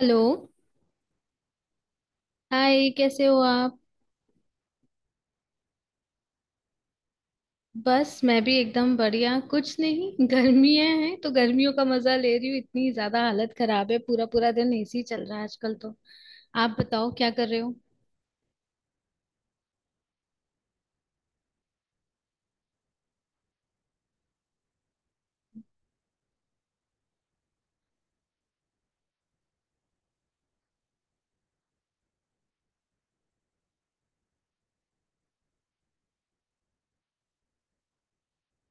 Hello. Hi कैसे हो आप। बस मैं भी एकदम बढ़िया। कुछ नहीं, गर्मियां हैं तो गर्मियों का मजा ले रही हूँ। इतनी ज्यादा हालत खराब है, पूरा पूरा दिन एसी चल रहा है आजकल तो। आप बताओ क्या कर रहे हो।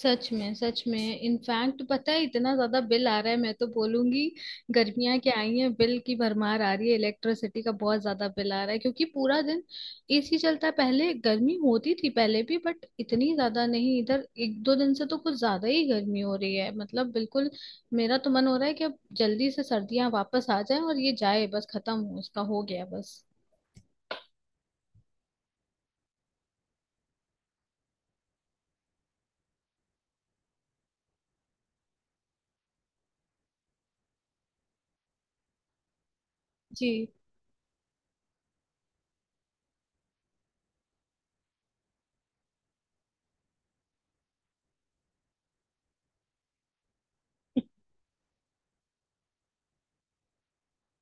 सच में सच में। इनफैक्ट पता है इतना ज्यादा बिल आ रहा है, मैं तो बोलूंगी गर्मियां क्या आई हैं बिल की भरमार आ रही है। इलेक्ट्रिसिटी का बहुत ज्यादा बिल आ रहा है क्योंकि पूरा दिन एसी चलता है। पहले गर्मी होती थी पहले भी बट इतनी ज्यादा नहीं। इधर एक दो दिन से तो कुछ ज्यादा ही गर्मी हो रही है, मतलब बिल्कुल। मेरा तो मन हो रहा है कि अब जल्दी से सर्दियां वापस आ जाए और ये जाए बस, खत्म हो इसका, हो गया बस। जी।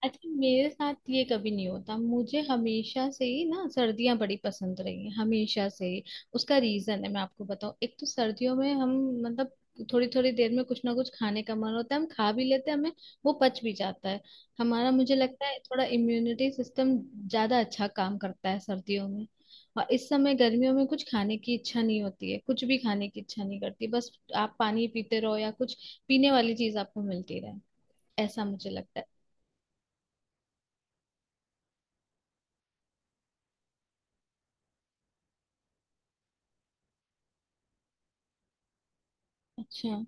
अच्छा मेरे साथ ये कभी नहीं होता। मुझे हमेशा से ही ना सर्दियां बड़ी पसंद रही हैं, हमेशा से ही। उसका रीजन है, मैं आपको बताऊं। एक तो सर्दियों में हम मतलब थोड़ी थोड़ी देर में कुछ ना कुछ खाने का मन होता है, हम खा भी लेते हैं, हमें वो पच भी जाता है। हमारा मुझे लगता है थोड़ा इम्यूनिटी सिस्टम ज्यादा अच्छा काम करता है सर्दियों में। और इस समय गर्मियों में कुछ खाने की इच्छा नहीं होती है, कुछ भी खाने की इच्छा नहीं करती, बस आप पानी पीते रहो या कुछ पीने वाली चीज आपको मिलती रहे। ऐसा मुझे लगता है। अच्छा।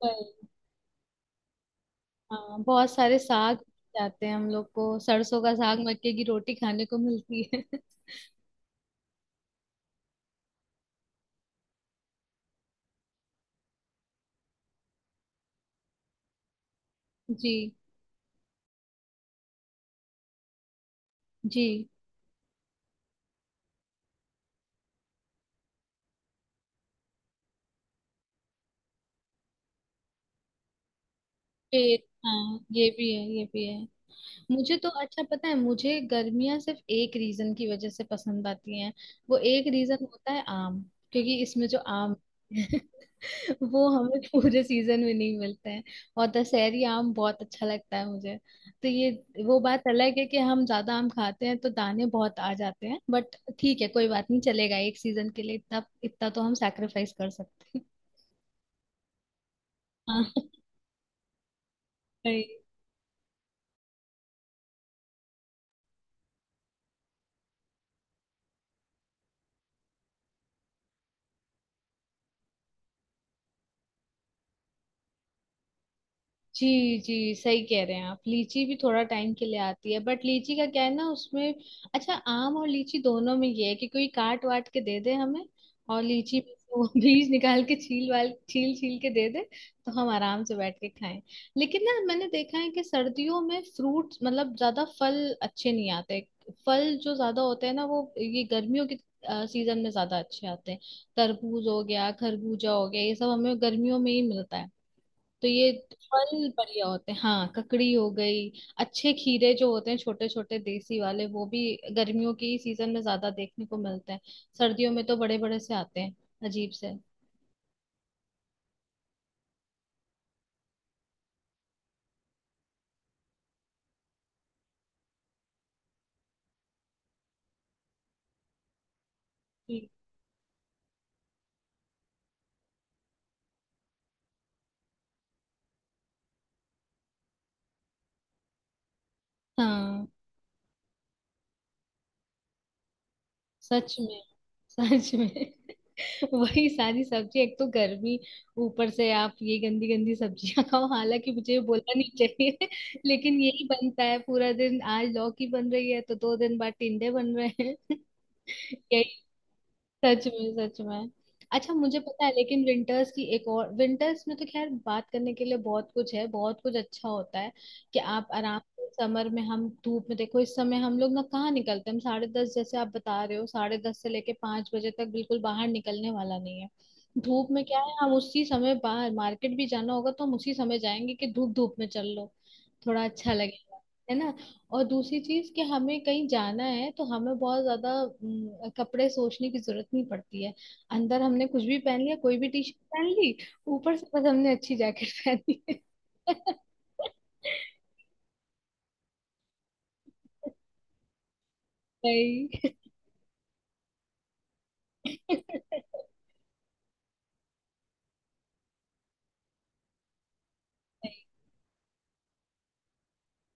वही, हाँ बहुत सारे साग जाते हैं। हम लोग को सरसों का साग मक्के की रोटी खाने को मिलती है जी जी। खेत, हाँ ये भी है ये भी है। मुझे तो अच्छा पता है, मुझे गर्मियाँ सिर्फ एक रीजन की वजह से पसंद आती हैं। वो एक रीजन होता है आम, क्योंकि इसमें जो आम वो हमें पूरे सीजन में नहीं मिलते हैं। और दशहरी आम बहुत अच्छा लगता है मुझे। तो ये वो बात अलग है कि हम ज्यादा आम खाते हैं तो दाने बहुत आ जाते हैं, बट ठीक है, कोई बात नहीं, चलेगा एक सीजन के लिए। इतना इतना तो हम सैक्रिफाइस कर सकते हैं। हाँ, जी जी। सही कह रहे हैं आप, लीची भी थोड़ा टाइम के लिए आती है। बट लीची का क्या है ना, उसमें अच्छा, आम और लीची दोनों में ये है कि कोई काट वाट के दे दे हमें, और लीची में से वो बीज निकाल के छील वाल छील छील के दे दे, तो हम आराम से बैठ के खाएं। लेकिन ना, मैंने देखा है कि सर्दियों में फ्रूट्स मतलब ज्यादा फल अच्छे नहीं आते। फल जो ज्यादा होते हैं ना, वो ये गर्मियों के सीजन में ज्यादा अच्छे आते हैं। तरबूज हो गया, खरबूजा हो गया, ये सब हमें गर्मियों में ही मिलता है। तो ये फल बढ़िया होते हैं। हाँ, ककड़ी हो गई, अच्छे खीरे जो होते हैं छोटे छोटे देसी वाले वो भी गर्मियों की सीजन में ज्यादा देखने को मिलते हैं। सर्दियों में तो बड़े बड़े से आते हैं, अजीब से। जी। हाँ सच में सच में वही सारी सब्जी, एक तो गर्मी, ऊपर से आप ये गंदी गंदी सब्जियां खाओ, हालांकि मुझे ये बोलना नहीं चाहिए लेकिन यही बनता है पूरा दिन, आज लौकी बन रही है तो 2 दिन बाद टिंडे बन रहे हैं या सच में सच में। अच्छा मुझे पता है, लेकिन विंटर्स की एक और विंटर्स में तो खैर बात करने के लिए बहुत कुछ है, बहुत कुछ अच्छा होता है कि आप आराम से समर में हम धूप में, देखो इस समय हम लोग ना कहाँ निकलते हैं, हम 10:30, जैसे आप बता रहे हो 10:30 से लेके 5 बजे तक बिल्कुल बाहर निकलने वाला नहीं है। धूप में क्या है, हम उसी समय बाहर मार्केट भी जाना होगा तो हम उसी समय जाएंगे कि धूप धूप में चल लो, थोड़ा अच्छा लगेगा, है ना। और दूसरी चीज कि हमें कहीं जाना है तो हमें बहुत ज्यादा कपड़े सोचने की जरूरत नहीं पड़ती है। अंदर हमने कुछ भी पहन लिया, कोई भी टी शर्ट पहन ली, ऊपर से बस हमने अच्छी जैकेट पहनी है नहीं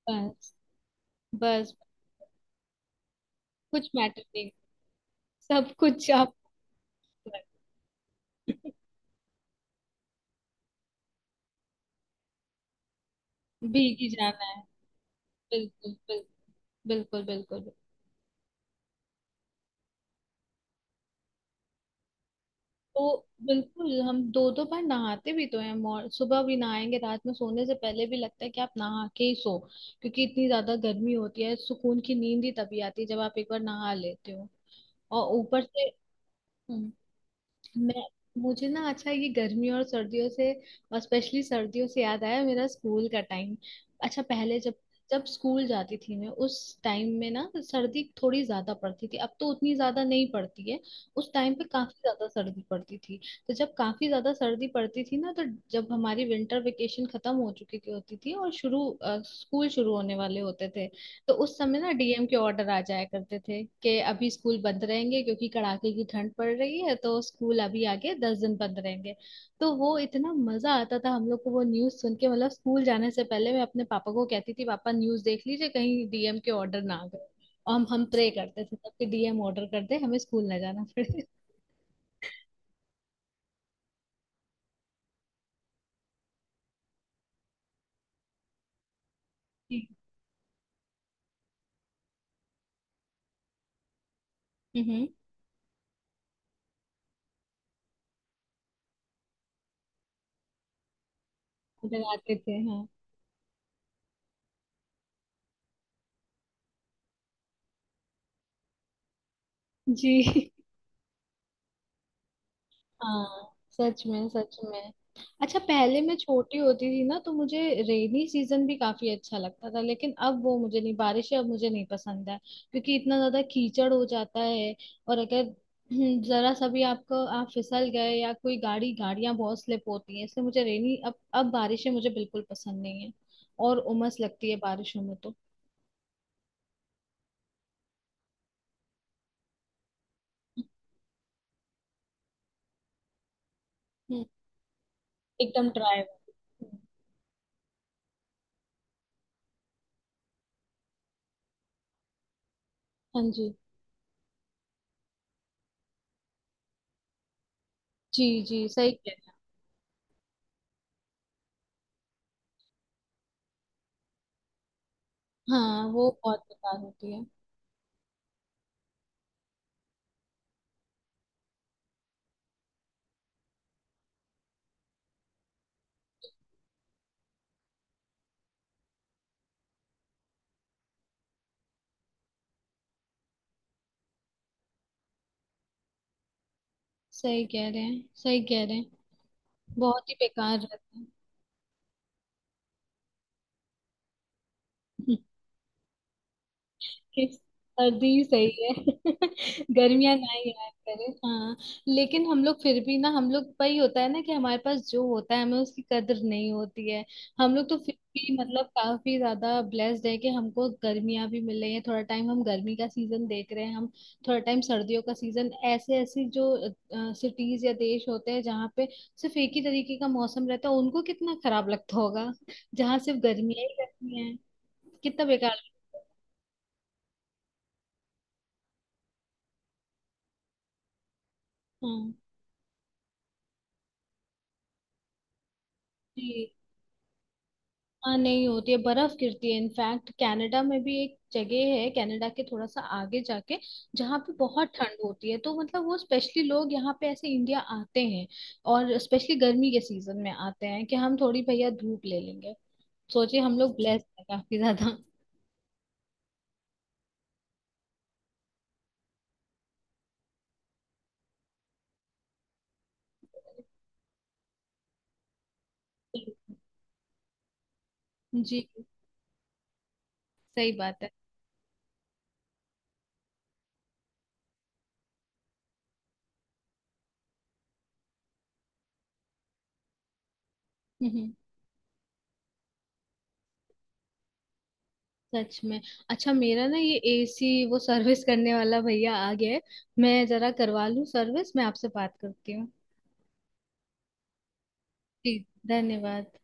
नहीं, बस बस। कुछ मैटर नहीं। सब कुछ आप भीगी जाना है। बिल्कुल बिल्कुल बिल्कुल बिल्कुल। तो बिल्कुल हम दो दो बार नहाते भी तो हैं, मॉर सुबह भी नहाएंगे रात में सोने से पहले भी लगता है कि आप नहा के ही सो, क्योंकि इतनी ज्यादा गर्मी होती है। सुकून की नींद ही तभी आती है जब आप एक बार नहा लेते हो। और ऊपर से हम्म। मैं मुझे ना अच्छा ये गर्मी और सर्दियों से, और स्पेशली सर्दियों से याद आया मेरा स्कूल का टाइम। अच्छा पहले जब जब स्कूल जाती थी मैं, उस टाइम में ना सर्दी थोड़ी ज्यादा पड़ती थी, अब तो उतनी ज्यादा नहीं पड़ती है, उस टाइम पे काफी ज्यादा सर्दी पड़ती थी। तो जब काफी ज्यादा सर्दी पड़ती थी ना, तो जब हमारी विंटर वेकेशन खत्म हो चुकी थी होती थी और शुरू स्कूल शुरू होने वाले होते थे, तो उस समय ना डीएम के ऑर्डर आ जाया करते थे कि अभी स्कूल बंद रहेंगे क्योंकि कड़ाके की ठंड पड़ रही है तो स्कूल अभी आगे 10 दिन बंद रहेंगे। तो वो इतना मजा आता था हम लोग को वो न्यूज सुन के, मतलब स्कूल जाने से पहले मैं अपने पापा को कहती थी पापा न्यूज देख लीजिए कहीं डीएम के ऑर्डर ना आ गए। और हम प्रे करते थे तब कि डीएम ऑर्डर कर दे हमें स्कूल ना जाना पड़े। जी। हम्म ऑर्डर आते थे हाँ। जी। हाँ सच में सच में। अच्छा पहले मैं छोटी होती थी ना तो मुझे रेनी सीजन भी काफी अच्छा लगता था, लेकिन अब वो मुझे नहीं, बारिश अब मुझे नहीं पसंद है क्योंकि इतना ज्यादा कीचड़ हो जाता है। और अगर जरा सा भी आपको आप फिसल गए या कोई गाड़ी गाड़ियां बहुत स्लिप होती हैं, इसलिए मुझे रेनी अब बारिशें मुझे बिल्कुल पसंद नहीं है। और उमस लगती है बारिशों में तो। हम्म, एकदम ड्राई। हाँ जी जी। जी सही कह रहे हैं। हाँ वो बहुत बेकार होती है। सही कह रहे हैं सही कह रहे हैं, बहुत ही बेकार रहता है। किस सर्दी ही सही है गर्मियां ना ही आया करे, हाँ। लेकिन हम लोग फिर भी ना, हम लोग वही होता है ना कि हमारे पास जो होता है हमें उसकी कदर नहीं होती है। हम लोग तो फिर भी मतलब काफी ज्यादा ब्लेस्ड है कि हमको गर्मियां भी मिल रही हैं, थोड़ा टाइम हम गर्मी का सीजन देख रहे हैं हम, थोड़ा टाइम सर्दियों का सीजन। ऐसे ऐसे जो सिटीज या देश होते हैं जहाँ पे सिर्फ एक ही तरीके का मौसम रहता है, उनको कितना खराब लगता होगा जहाँ सिर्फ गर्मियां ही रहती हैं, कितना बेकार। हाँ जी। हाँ नहीं होती है, बर्फ गिरती है। इनफैक्ट कनाडा में भी एक जगह है, कनाडा के थोड़ा सा आगे जाके जहाँ पे बहुत ठंड होती है, तो मतलब वो स्पेशली लोग यहाँ पे ऐसे इंडिया आते हैं, और स्पेशली गर्मी के सीजन में आते हैं कि हम थोड़ी भैया धूप ले लेंगे। सोचिए हम लोग ब्लेस्ड हैं काफी ज्यादा जी सही बात है। हम्म, हम्म, सच में। अच्छा मेरा ना ये एसी वो सर्विस करने वाला भैया आ गया है, मैं जरा करवा लूँ सर्विस। मैं आपसे बात करती हूँ। जी धन्यवाद।